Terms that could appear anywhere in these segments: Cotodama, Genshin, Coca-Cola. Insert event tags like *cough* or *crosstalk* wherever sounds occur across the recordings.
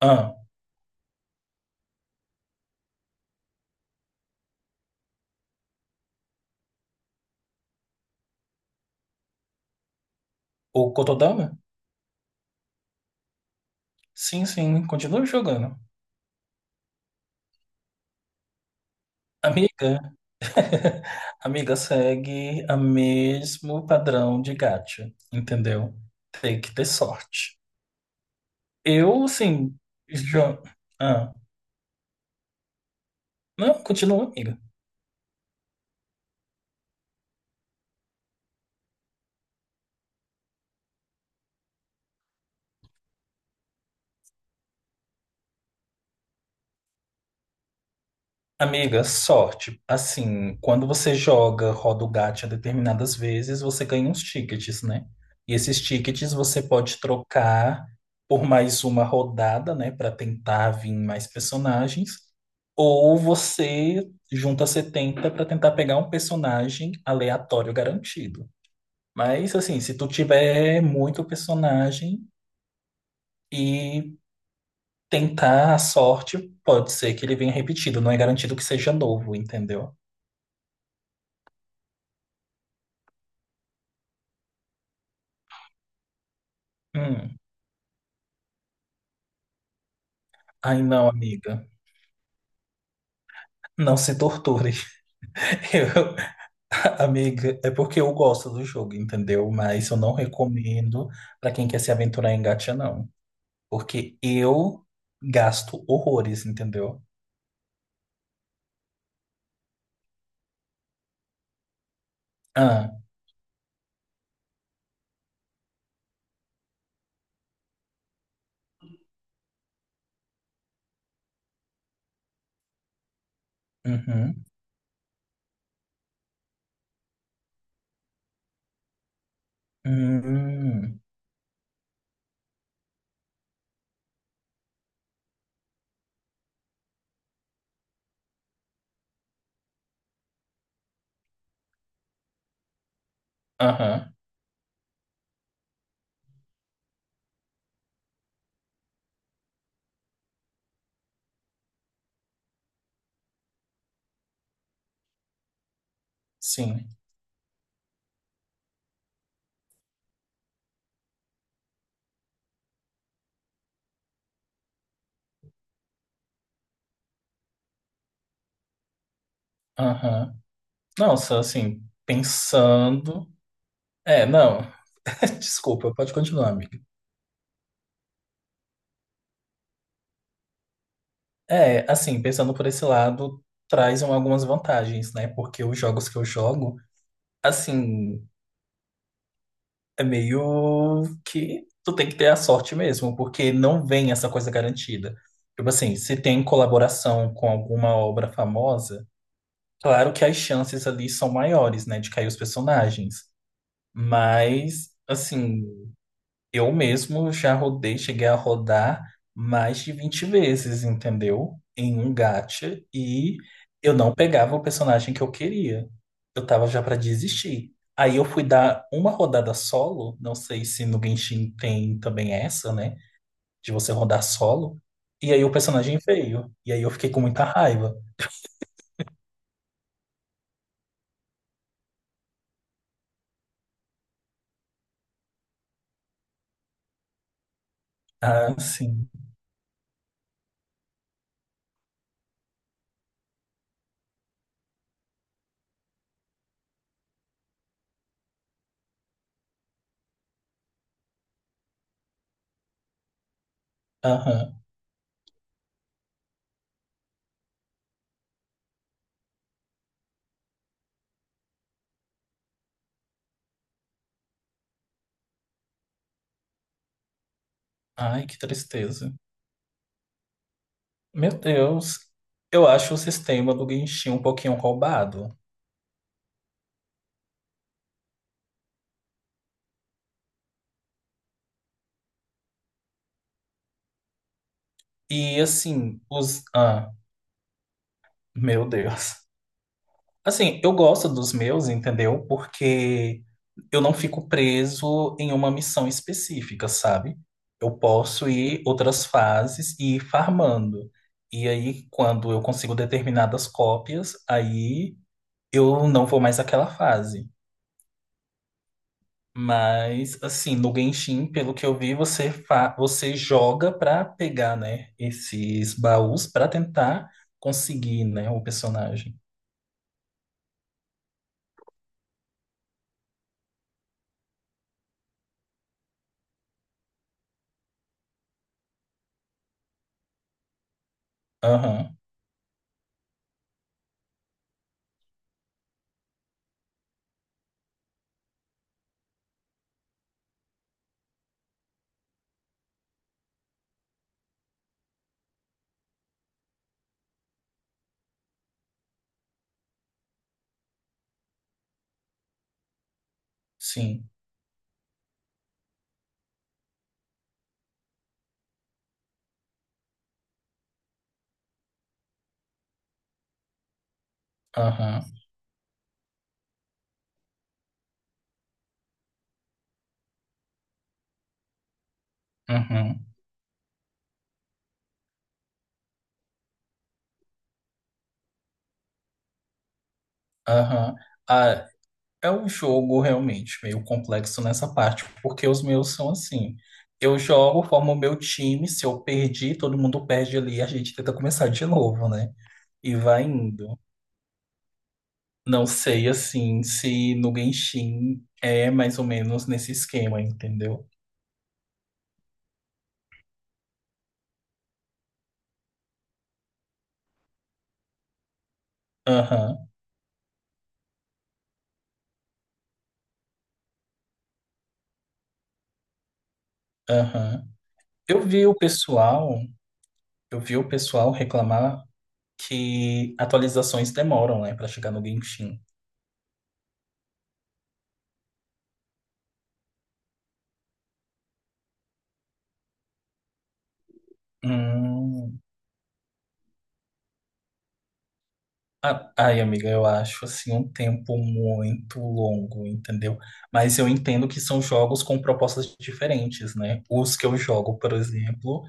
Ah, o Cotodama? Sim, sim, continua jogando. Amiga, *laughs* amiga segue o mesmo padrão de gacha, entendeu? Tem que ter sorte. Eu, assim, já... Ah, não, continua, amiga. Amiga, sorte. Assim, quando você joga roda o gacha determinadas vezes, você ganha uns tickets, né? E esses tickets você pode trocar por mais uma rodada, né, para tentar vir mais personagens, ou você junta 70 para tentar pegar um personagem aleatório garantido. Mas assim, se tu tiver muito personagem e tentar a sorte, pode ser que ele venha repetido, não é garantido que seja novo, entendeu? Hum. Ai, não, amiga. Não se torture. *laughs* Eu- amiga, é porque eu gosto do jogo, entendeu? Mas eu não recomendo pra quem quer se aventurar em gacha, não. Porque eu gasto horrores, entendeu? Ah, uhum, hum, aham, sim, aham. Nossa, assim, pensando. É, não. *laughs* Desculpa, pode continuar, amiga. É, assim, pensando por esse lado, traz um algumas vantagens, né? Porque os jogos que eu jogo. Assim, é meio que tu tem que ter a sorte mesmo, porque não vem essa coisa garantida. Tipo assim, se tem colaboração com alguma obra famosa, claro que as chances ali são maiores, né, de cair os personagens. Mas, assim, eu mesmo já rodei, cheguei a rodar mais de 20 vezes, entendeu? Em um gacha e eu não pegava o personagem que eu queria. Eu tava já pra desistir. Aí eu fui dar uma rodada solo, não sei se no Genshin tem também essa, né? De você rodar solo. E aí o personagem veio. E aí eu fiquei com muita raiva. Ah, sim. Aham. Ai, que tristeza. Meu Deus. Eu acho o sistema do Genshin um pouquinho roubado. E assim, os. Ah, meu Deus. Assim, eu gosto dos meus, entendeu? Porque eu não fico preso em uma missão específica, sabe? Eu posso ir outras fases e ir farmando. E aí, quando eu consigo determinadas cópias, aí eu não vou mais àquela fase. Mas, assim, no Genshin, pelo que eu vi, você, fa você joga pra pegar, né, esses baús pra tentar conseguir, né, o personagem. Aham, sim. Aham, uhum, aham. Ah, é um jogo realmente meio complexo nessa parte, porque os meus são assim. Eu jogo, formo o meu time, se eu perdi, todo mundo perde ali, a gente tenta começar de novo, né? E vai indo. Não sei assim se no Genshin é mais ou menos nesse esquema, entendeu? Aham, aham. Eu vi o pessoal, eu vi o pessoal reclamar que atualizações demoram, né, para chegar no Genshin. Hum. Ai, amiga, eu acho assim um tempo muito longo, entendeu? Mas eu entendo que são jogos com propostas diferentes, né? Os que eu jogo, por exemplo.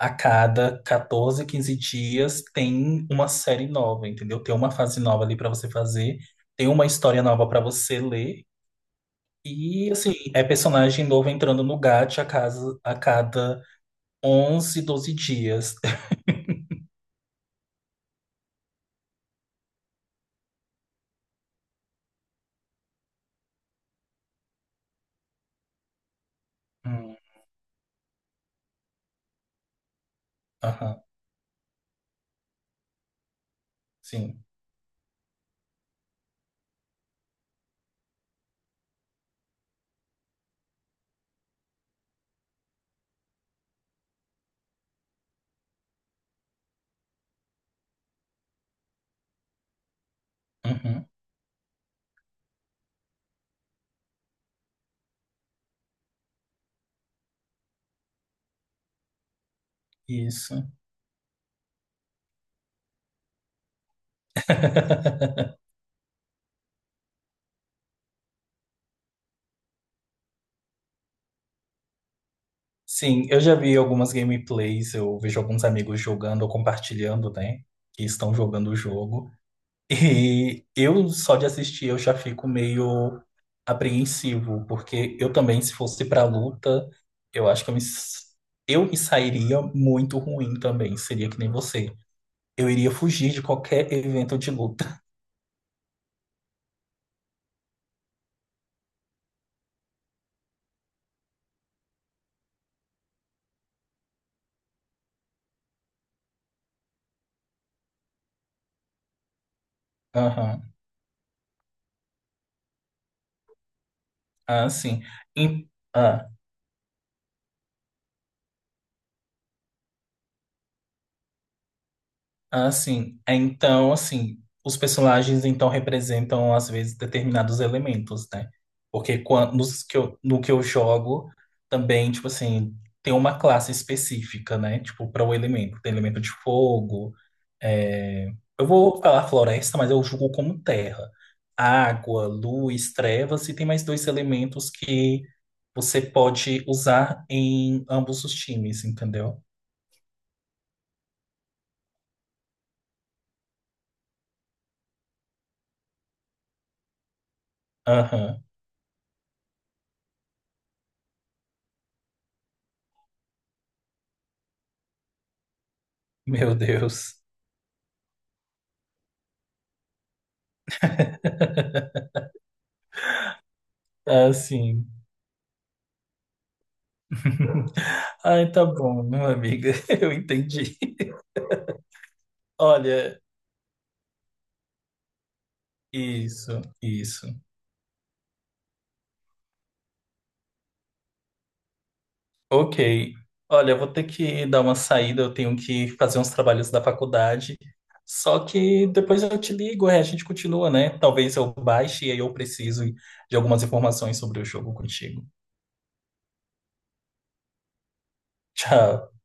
A cada 14, 15 dias tem uma série nova, entendeu? Tem uma fase nova ali para você fazer, tem uma história nova para você ler. E assim, é personagem novo entrando no gacha a cada 11, 12 dias. *laughs* Hum, aham, sim. Uhum, isso. Sim, eu já vi algumas gameplays, eu vejo alguns amigos jogando ou compartilhando, né? Que estão jogando o jogo. E eu só de assistir eu já fico meio apreensivo, porque eu também, se fosse pra luta, eu acho que eu me sairia muito ruim também, seria que nem você. Eu iria fugir de qualquer evento de luta. *laughs* Aham. Ah, sim. Em- ah. Ah, sim. É, então, assim, os personagens então representam às vezes determinados elementos, né? Porque no que eu jogo também, tipo assim, tem uma classe específica, né? Tipo, para o elemento. Tem elemento de fogo. é, Eu vou falar floresta, mas eu julgo como terra. Água, luz, trevas, e tem mais dois elementos que você pode usar em ambos os times, entendeu? Aham. *laughs* Meu Deus. Assim. Ai, tá bom, meu amigo, *laughs* eu entendi. Olha, isso, isso. Ok. Olha, eu vou ter que dar uma saída, eu tenho que fazer uns trabalhos da faculdade. Só que depois eu te ligo, é, a gente continua, né? Talvez eu baixe e aí eu preciso de algumas informações sobre o jogo contigo. Tchau.